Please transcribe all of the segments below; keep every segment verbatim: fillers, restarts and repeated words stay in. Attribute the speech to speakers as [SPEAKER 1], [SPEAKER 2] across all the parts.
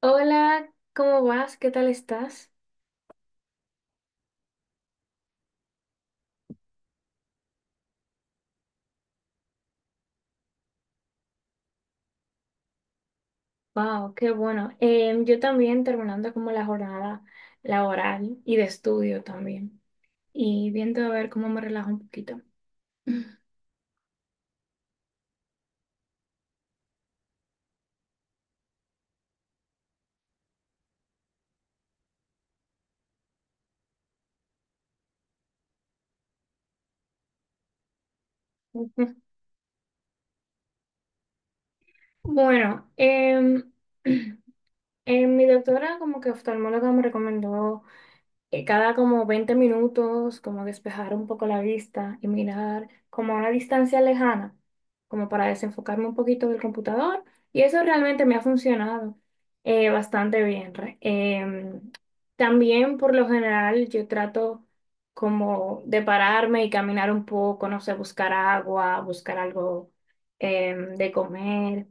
[SPEAKER 1] Hola, ¿cómo vas? ¿Qué tal estás? Wow, qué bueno. Em, yo también terminando como la jornada laboral y de estudio también. Y viendo a ver cómo me relajo un poquito. Bueno, em, Eh, mi doctora como que oftalmóloga me recomendó que cada como veinte minutos como despejar un poco la vista y mirar como a una distancia lejana, como para desenfocarme un poquito del computador y eso realmente me ha funcionado eh, bastante bien. Re- em, también por lo general yo trato como de pararme y caminar un poco, no sé, buscar agua, buscar algo em, de comer,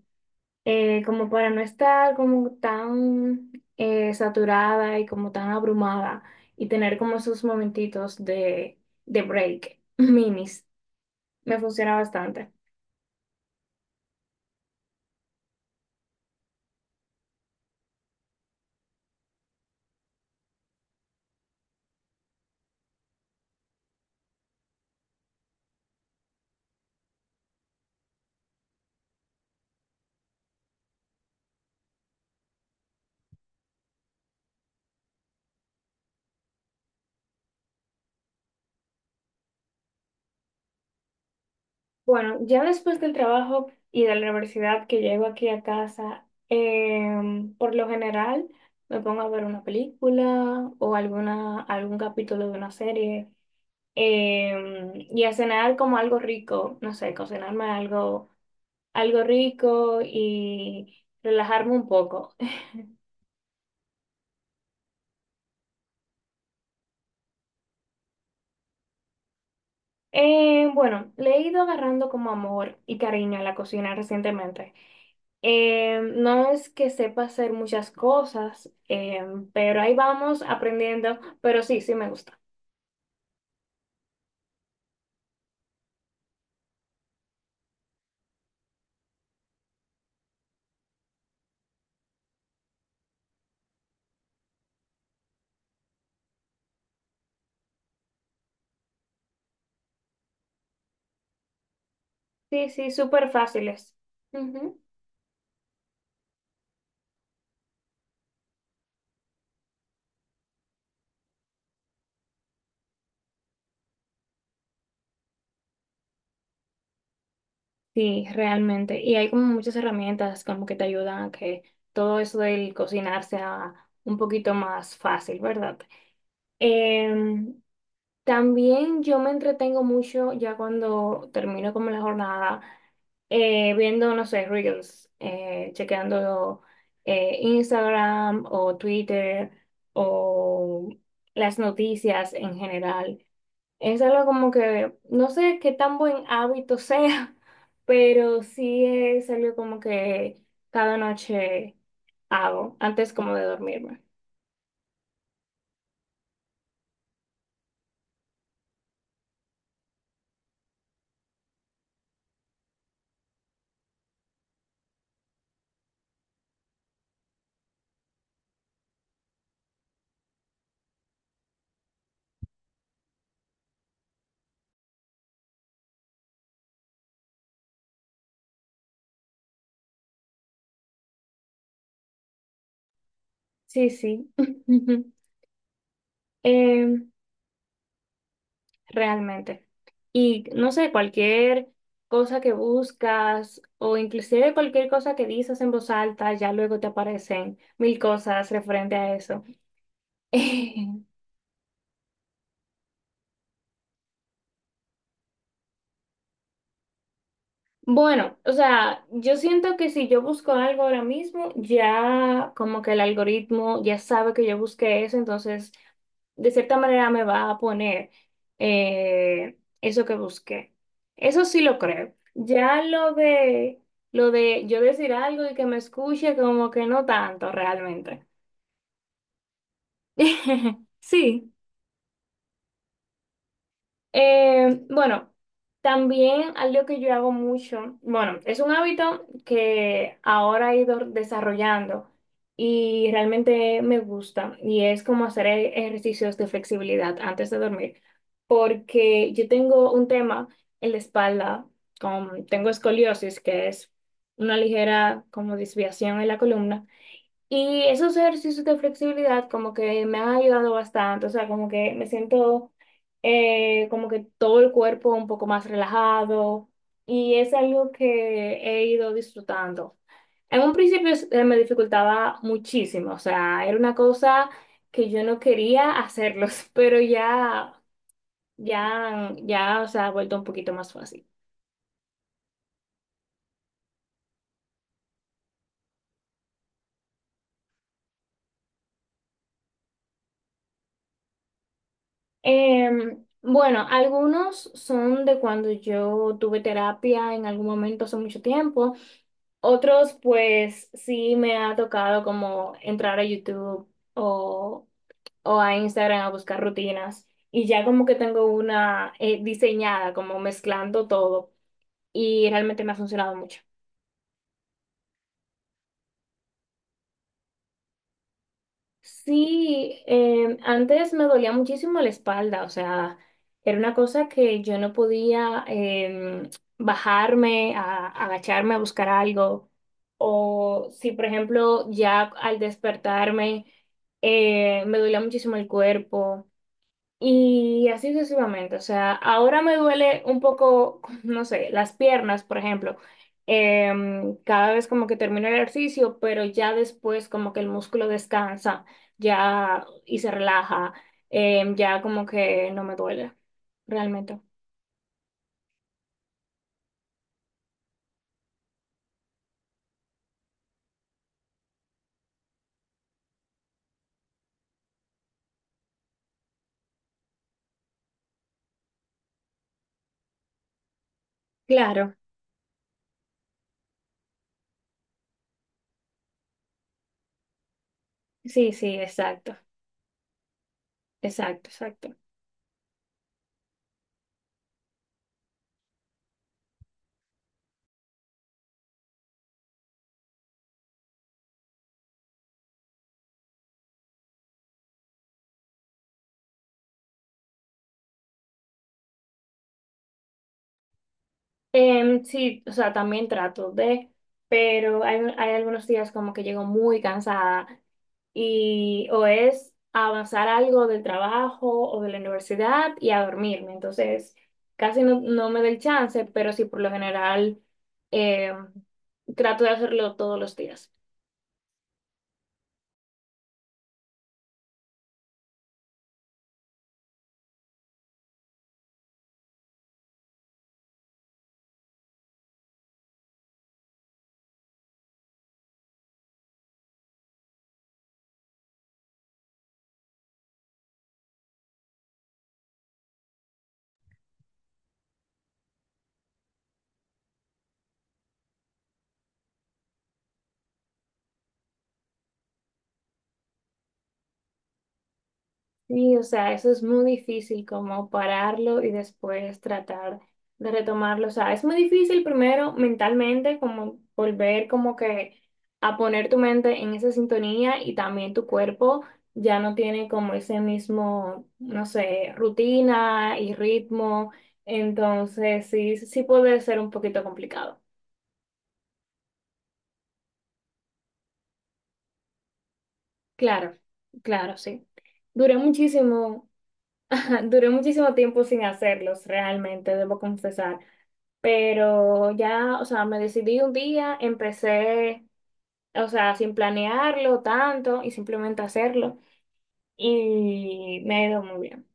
[SPEAKER 1] eh, como para no estar como tan eh, saturada y como tan abrumada y tener como esos momentitos de, de break, minis, me funciona bastante. Bueno, ya después del trabajo y de la universidad que llego aquí a casa, em, por lo general me pongo a ver una película o alguna, algún capítulo de una serie. Em, y a cenar como algo rico, no sé, cocinarme algo algo rico y relajarme un poco. Eh, bueno, le he ido agarrando como amor y cariño a la cocina recientemente. Eh, no es que sepa hacer muchas cosas, eh, pero ahí vamos aprendiendo, pero sí, sí me gusta. Sí, sí, súper fáciles. Ujú. Sí, realmente. Y hay como muchas herramientas como que te ayudan a que todo eso del cocinar sea un poquito más fácil, ¿verdad? Eh, También yo me entretengo mucho ya cuando termino como la jornada, eh, viendo, no sé, Reels, eh, chequeando eh, Instagram o Twitter o las noticias en general. Es algo como que no sé qué tan buen hábito sea, pero sí es algo como que cada noche hago antes como de dormirme. Sí, sí. Em, realmente. Y no sé, cualquier cosa que buscas o inclusive cualquier cosa que dices en voz alta, ya luego te aparecen mil cosas referente a eso. Bueno, o sea, yo siento que si yo busco algo ahora mismo, ya como que el algoritmo ya sabe que yo busqué eso, entonces de cierta manera me va a poner eh, eso que busqué. Eso sí lo creo. Ya lo de lo de yo decir algo y que me escuche, como que no tanto realmente. Sí. Eh, bueno, también algo que yo hago mucho, bueno, es un hábito que ahora he ido desarrollando y realmente me gusta y es como hacer e- ejercicios de flexibilidad antes de dormir, porque yo tengo un tema en la espalda, con, tengo escoliosis, que es una ligera como desviación en la columna. Y esos ejercicios de flexibilidad como que me han ayudado bastante, o sea, como que me siento eh, como que todo el cuerpo un poco más relajado y es algo que he ido disfrutando. En un principio eh, me dificultaba muchísimo, o sea, era una cosa que yo no quería hacerlos, pero ya, ya, ya, o sea, ha vuelto un poquito más fácil. Em, bueno, algunos son de cuando yo tuve terapia en algún momento hace mucho tiempo. Otros, pues sí me ha tocado como entrar a YouTube o, o a Instagram a buscar rutinas y ya como que tengo una, eh, diseñada, como mezclando todo y realmente me ha funcionado mucho. Sí, em, antes me dolía muchísimo la espalda, o sea, era una cosa que yo no podía, em, bajarme, a, agacharme a buscar algo. O si, por ejemplo, ya al despertarme eh, me dolía muchísimo el cuerpo. Y así sucesivamente, o sea, ahora me duele un poco, no sé, las piernas, por ejemplo, em, cada vez como que termino el ejercicio, pero ya después como que el músculo descansa, ya y se relaja, em, ya como que no me duele realmente. Claro, sí, sí, exacto, exacto, exacto. Em, sí, o sea, también trato de, pero hay, hay algunos días como que llego muy cansada y o es avanzar algo del trabajo o de la universidad y a dormirme. Entonces, casi no, no me da el chance, pero sí por lo general em, trato de hacerlo todos los días. Sí, o sea, eso es muy difícil como pararlo y después tratar de retomarlo. O sea, es muy difícil primero mentalmente como volver como que a poner tu mente en esa sintonía y también tu cuerpo ya no tiene como ese mismo, no sé, rutina y ritmo. Entonces, sí, sí puede ser un poquito complicado. Claro, claro, sí. Duré muchísimo, duré muchísimo tiempo sin hacerlos, realmente, debo confesar. Pero ya, o sea, me decidí un día, empecé, o sea, sin planearlo tanto y simplemente hacerlo y me ha ido muy bien.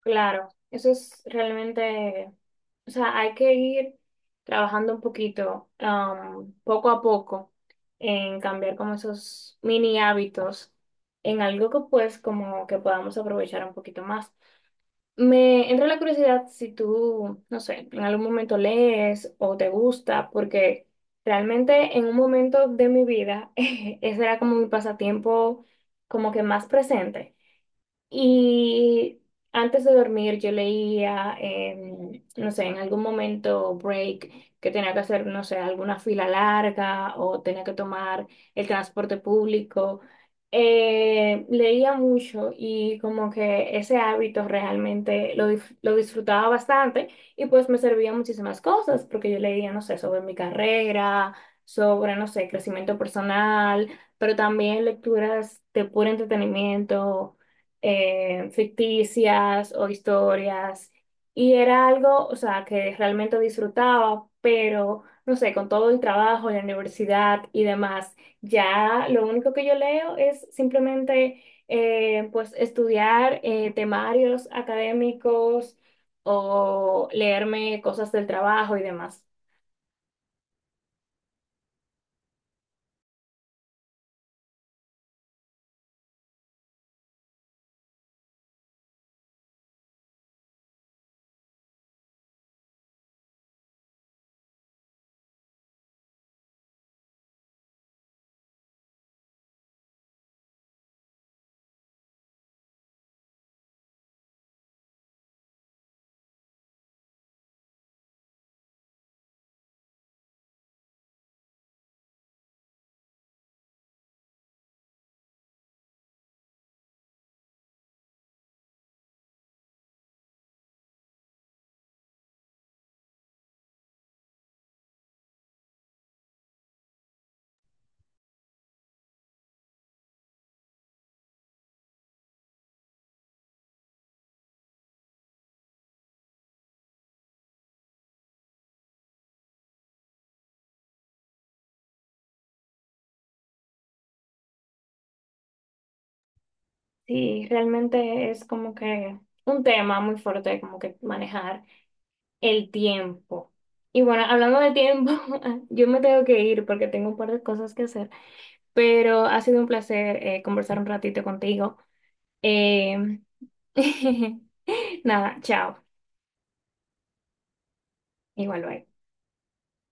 [SPEAKER 1] Claro, eso es realmente, o sea, hay que ir trabajando un poquito, um, poco a poco, en cambiar como esos mini hábitos en algo que pues como que podamos aprovechar un poquito más. Me entra la curiosidad si tú, no sé, en algún momento lees o te gusta, porque realmente en un momento de mi vida ese era como mi pasatiempo como que más presente. Y antes de dormir yo leía, em, no sé, en algún momento break que tenía que hacer, no sé, alguna fila larga o tenía que tomar el transporte público. Eh, leía mucho y como que ese hábito realmente lo, dif- lo disfrutaba bastante y pues me servía muchísimas cosas porque yo leía, no sé, sobre mi carrera, sobre, no sé, crecimiento personal, pero también lecturas de puro entretenimiento, eh, ficticias o historias. Y era algo, o sea, que realmente disfrutaba, pero no sé, con todo el trabajo, la universidad y demás, ya lo único que yo leo es simplemente, eh, pues estudiar, eh, temarios académicos o leerme cosas del trabajo y demás. Sí, realmente es como que un tema muy fuerte como que manejar el tiempo. Y bueno, hablando de tiempo, yo me tengo que ir porque tengo un par de cosas que hacer, pero ha sido un placer, eh, conversar un ratito contigo. Eh, nada, chao. Igual, bye.